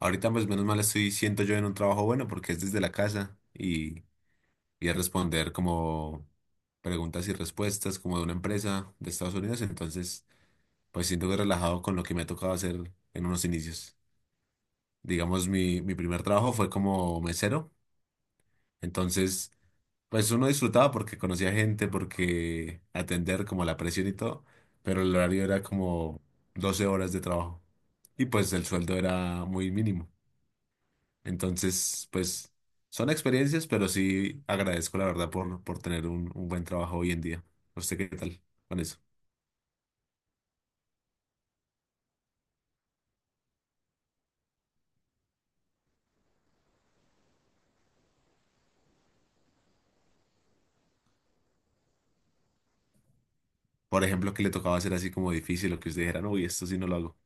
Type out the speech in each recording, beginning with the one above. Ahorita pues menos mal estoy, siento yo en un trabajo bueno porque es desde la casa y es responder como preguntas y respuestas como de una empresa de Estados Unidos. Entonces pues siento que relajado con lo que me ha tocado hacer en unos inicios. Digamos, mi primer trabajo fue como mesero. Entonces pues uno disfrutaba porque conocía gente, porque atender como la presión y todo, pero el horario era como 12 horas de trabajo y pues el sueldo era muy mínimo. Entonces, pues son experiencias, pero sí agradezco la verdad por tener un buen trabajo hoy en día. ¿No sé qué tal con eso? Por ejemplo, que le tocaba hacer así como difícil, lo que usted dijera, "No, uy, esto sí no lo hago."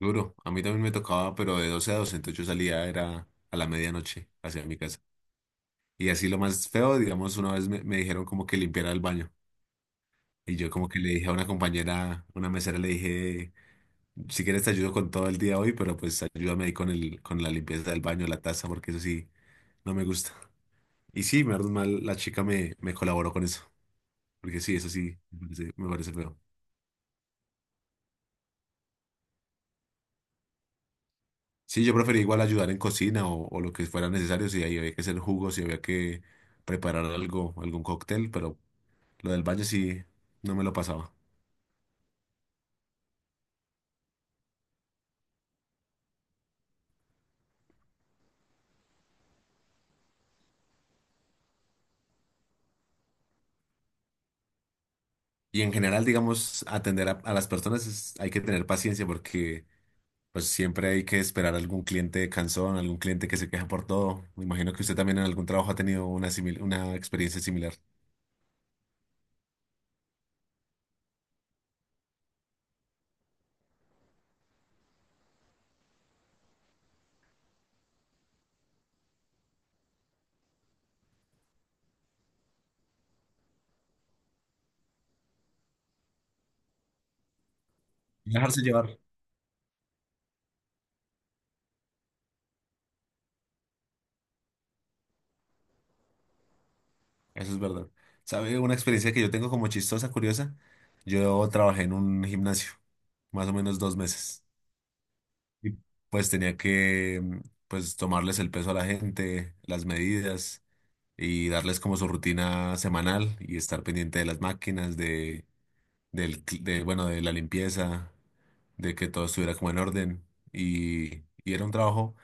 Duro. A mí también me tocaba, pero de 12 a 12, entonces yo salía era a la medianoche hacia mi casa. Y así lo más feo, digamos, una vez me dijeron como que limpiara el baño. Y yo como que le dije a una compañera, una mesera, le dije, si quieres te ayudo con todo el día hoy, pero pues ayúdame ahí con la limpieza del baño, la taza, porque eso sí, no me gusta. Y sí, menos mal, la chica me colaboró con eso, porque sí, eso sí, me parece feo. Sí, yo prefería igual ayudar en cocina o lo que fuera necesario, si ahí había que hacer jugos, si había que preparar algo, algún cóctel, pero lo del baño sí, no me lo pasaba. Y en general, digamos, atender a las personas hay que tener paciencia porque pues siempre hay que esperar a algún cliente cansón, algún cliente que se queja por todo. Me imagino que usted también en algún trabajo ha tenido una experiencia similar. Dejarse llevar. Eso es verdad. ¿Sabe una experiencia que yo tengo como chistosa, curiosa? Yo trabajé en un gimnasio, más o menos 2 meses. Y pues tenía que, pues, tomarles el peso a la gente, las medidas y darles como su rutina semanal y estar pendiente de las máquinas, de, del, cl- de, bueno, de la limpieza, de que todo estuviera como en orden. Y era un trabajo,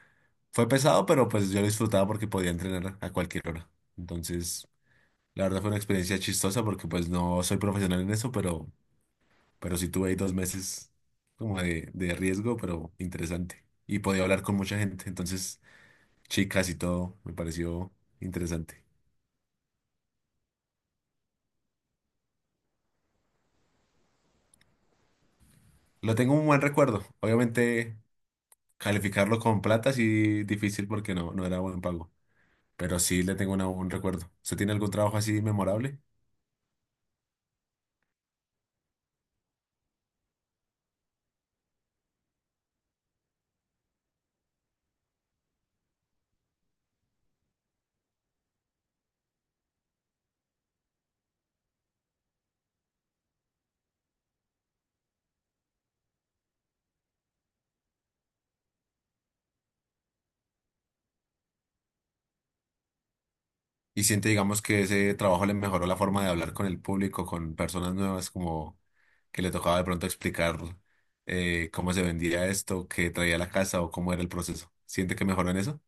fue pesado, pero pues yo lo disfrutaba porque podía entrenar a cualquier hora. Entonces... La verdad fue una experiencia chistosa porque pues no soy profesional en eso, pero sí tuve ahí 2 meses como de riesgo, pero interesante. Y podía hablar con mucha gente, entonces chicas y todo, me pareció interesante. Lo tengo un buen recuerdo. Obviamente calificarlo con plata sí difícil porque no, no era buen pago, pero sí le tengo un recuerdo. ¿Usted tiene algún trabajo así memorable? Y siente, digamos, que ese trabajo le mejoró la forma de hablar con el público, con personas nuevas, como que le tocaba de pronto explicar cómo se vendía esto, qué traía la casa o cómo era el proceso. ¿Siente que mejoró en eso?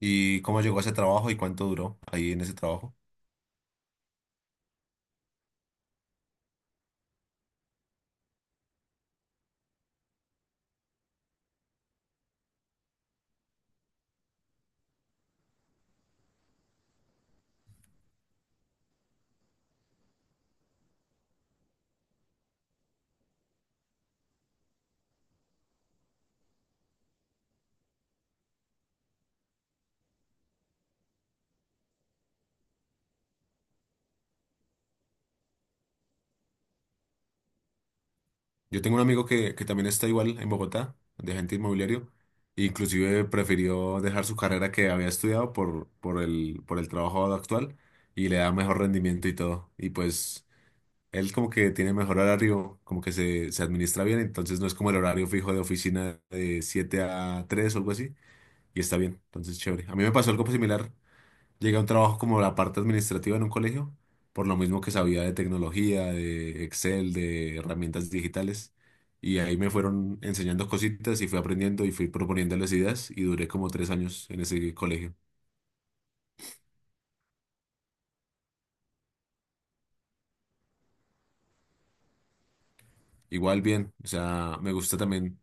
¿Y cómo llegó a ese trabajo y cuánto duró ahí en ese trabajo? Yo tengo un amigo que también está igual en Bogotá, de agente inmobiliario, e inclusive prefirió dejar su carrera que había estudiado por el trabajo actual y le da mejor rendimiento y todo. Y pues él como que tiene mejor horario, como que se administra bien, entonces no es como el horario fijo de oficina de 7 a 3 o algo así, y está bien, entonces chévere. A mí me pasó algo similar. Llegué a un trabajo como la parte administrativa en un colegio, por lo mismo que sabía de tecnología, de Excel, de herramientas digitales, y ahí me fueron enseñando cositas y fui aprendiendo y fui proponiendo las ideas y duré como 3 años en ese colegio. Igual bien, o sea, me gusta también,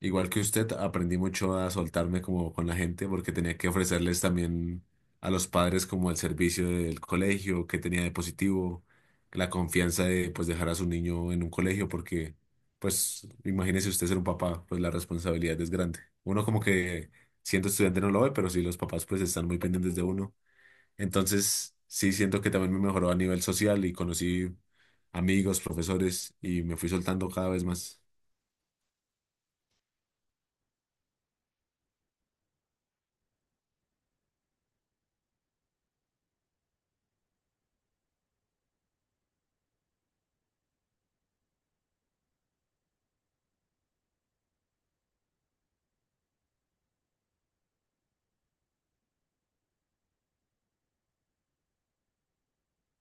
igual que usted, aprendí mucho a soltarme como con la gente porque tenía que ofrecerles también a los padres como el servicio del colegio, que tenía de positivo, la confianza de pues dejar a su niño en un colegio porque pues imagínese usted ser un papá, pues la responsabilidad es grande. Uno como que siendo estudiante no lo ve, pero sí los papás pues están muy pendientes de uno. Entonces, sí siento que también me mejoró a nivel social y conocí amigos, profesores y me fui soltando cada vez más.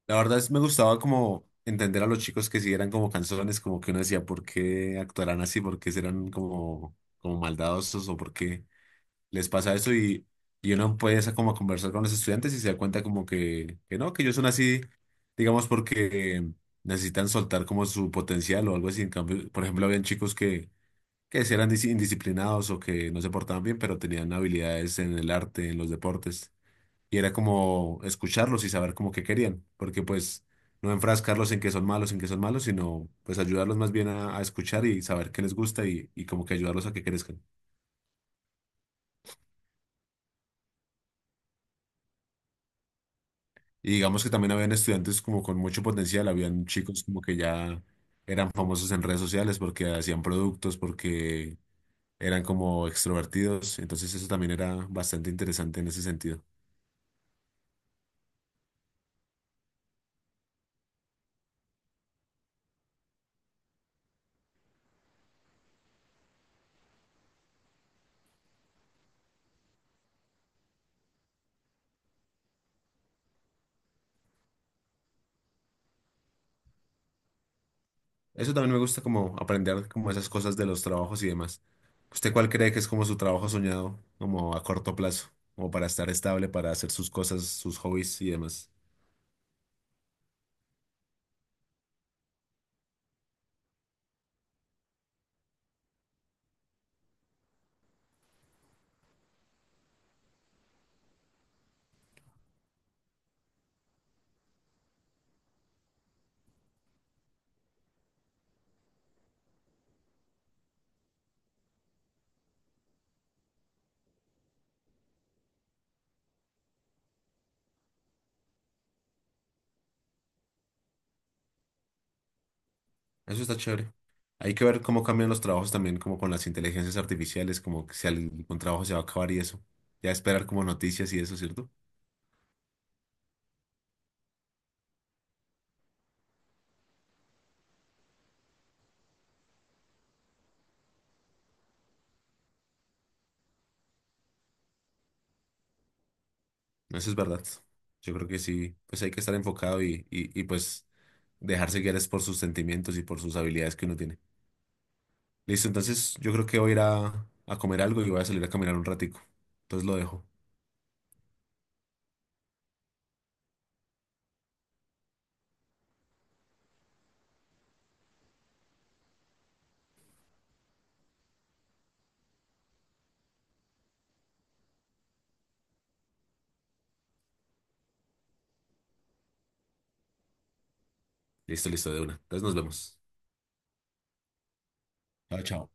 La verdad es, me gustaba como entender a los chicos que si eran como canzones, como que uno decía, ¿por qué actuarán así? ¿Por qué serán como, como maldadosos o por qué les pasa eso? Y uno empieza como a conversar con los estudiantes y se da cuenta como que no, que ellos son así, digamos, porque necesitan soltar como su potencial o algo así. En cambio, por ejemplo, habían chicos que si eran indisciplinados o que no se portaban bien, pero tenían habilidades en el arte, en los deportes. Y era como escucharlos y saber como qué querían, porque pues no enfrascarlos en que son malos, en que son malos, sino pues ayudarlos más bien a escuchar y saber qué les gusta y como que ayudarlos a que crezcan. Y digamos que también habían estudiantes como con mucho potencial, habían chicos como que ya eran famosos en redes sociales porque hacían productos, porque eran como extrovertidos, entonces eso también era bastante interesante en ese sentido. Eso también me gusta como aprender como esas cosas de los trabajos y demás. ¿Usted cuál cree que es como su trabajo soñado, como a corto plazo, como para estar estable, para hacer sus cosas, sus hobbies y demás? Eso está chévere. Hay que ver cómo cambian los trabajos también, como con las inteligencias artificiales, como que si algún trabajo se va a acabar y eso. Ya esperar como noticias y eso, ¿cierto? Eso es verdad. Yo creo que sí, pues hay que estar enfocado y pues dejarse guiar es por sus sentimientos y por sus habilidades que uno tiene. Listo, entonces yo creo que voy a ir a comer algo y voy a salir a caminar un ratico. Entonces lo dejo. Listo, listo, de una. Entonces nos vemos. Chao, chao.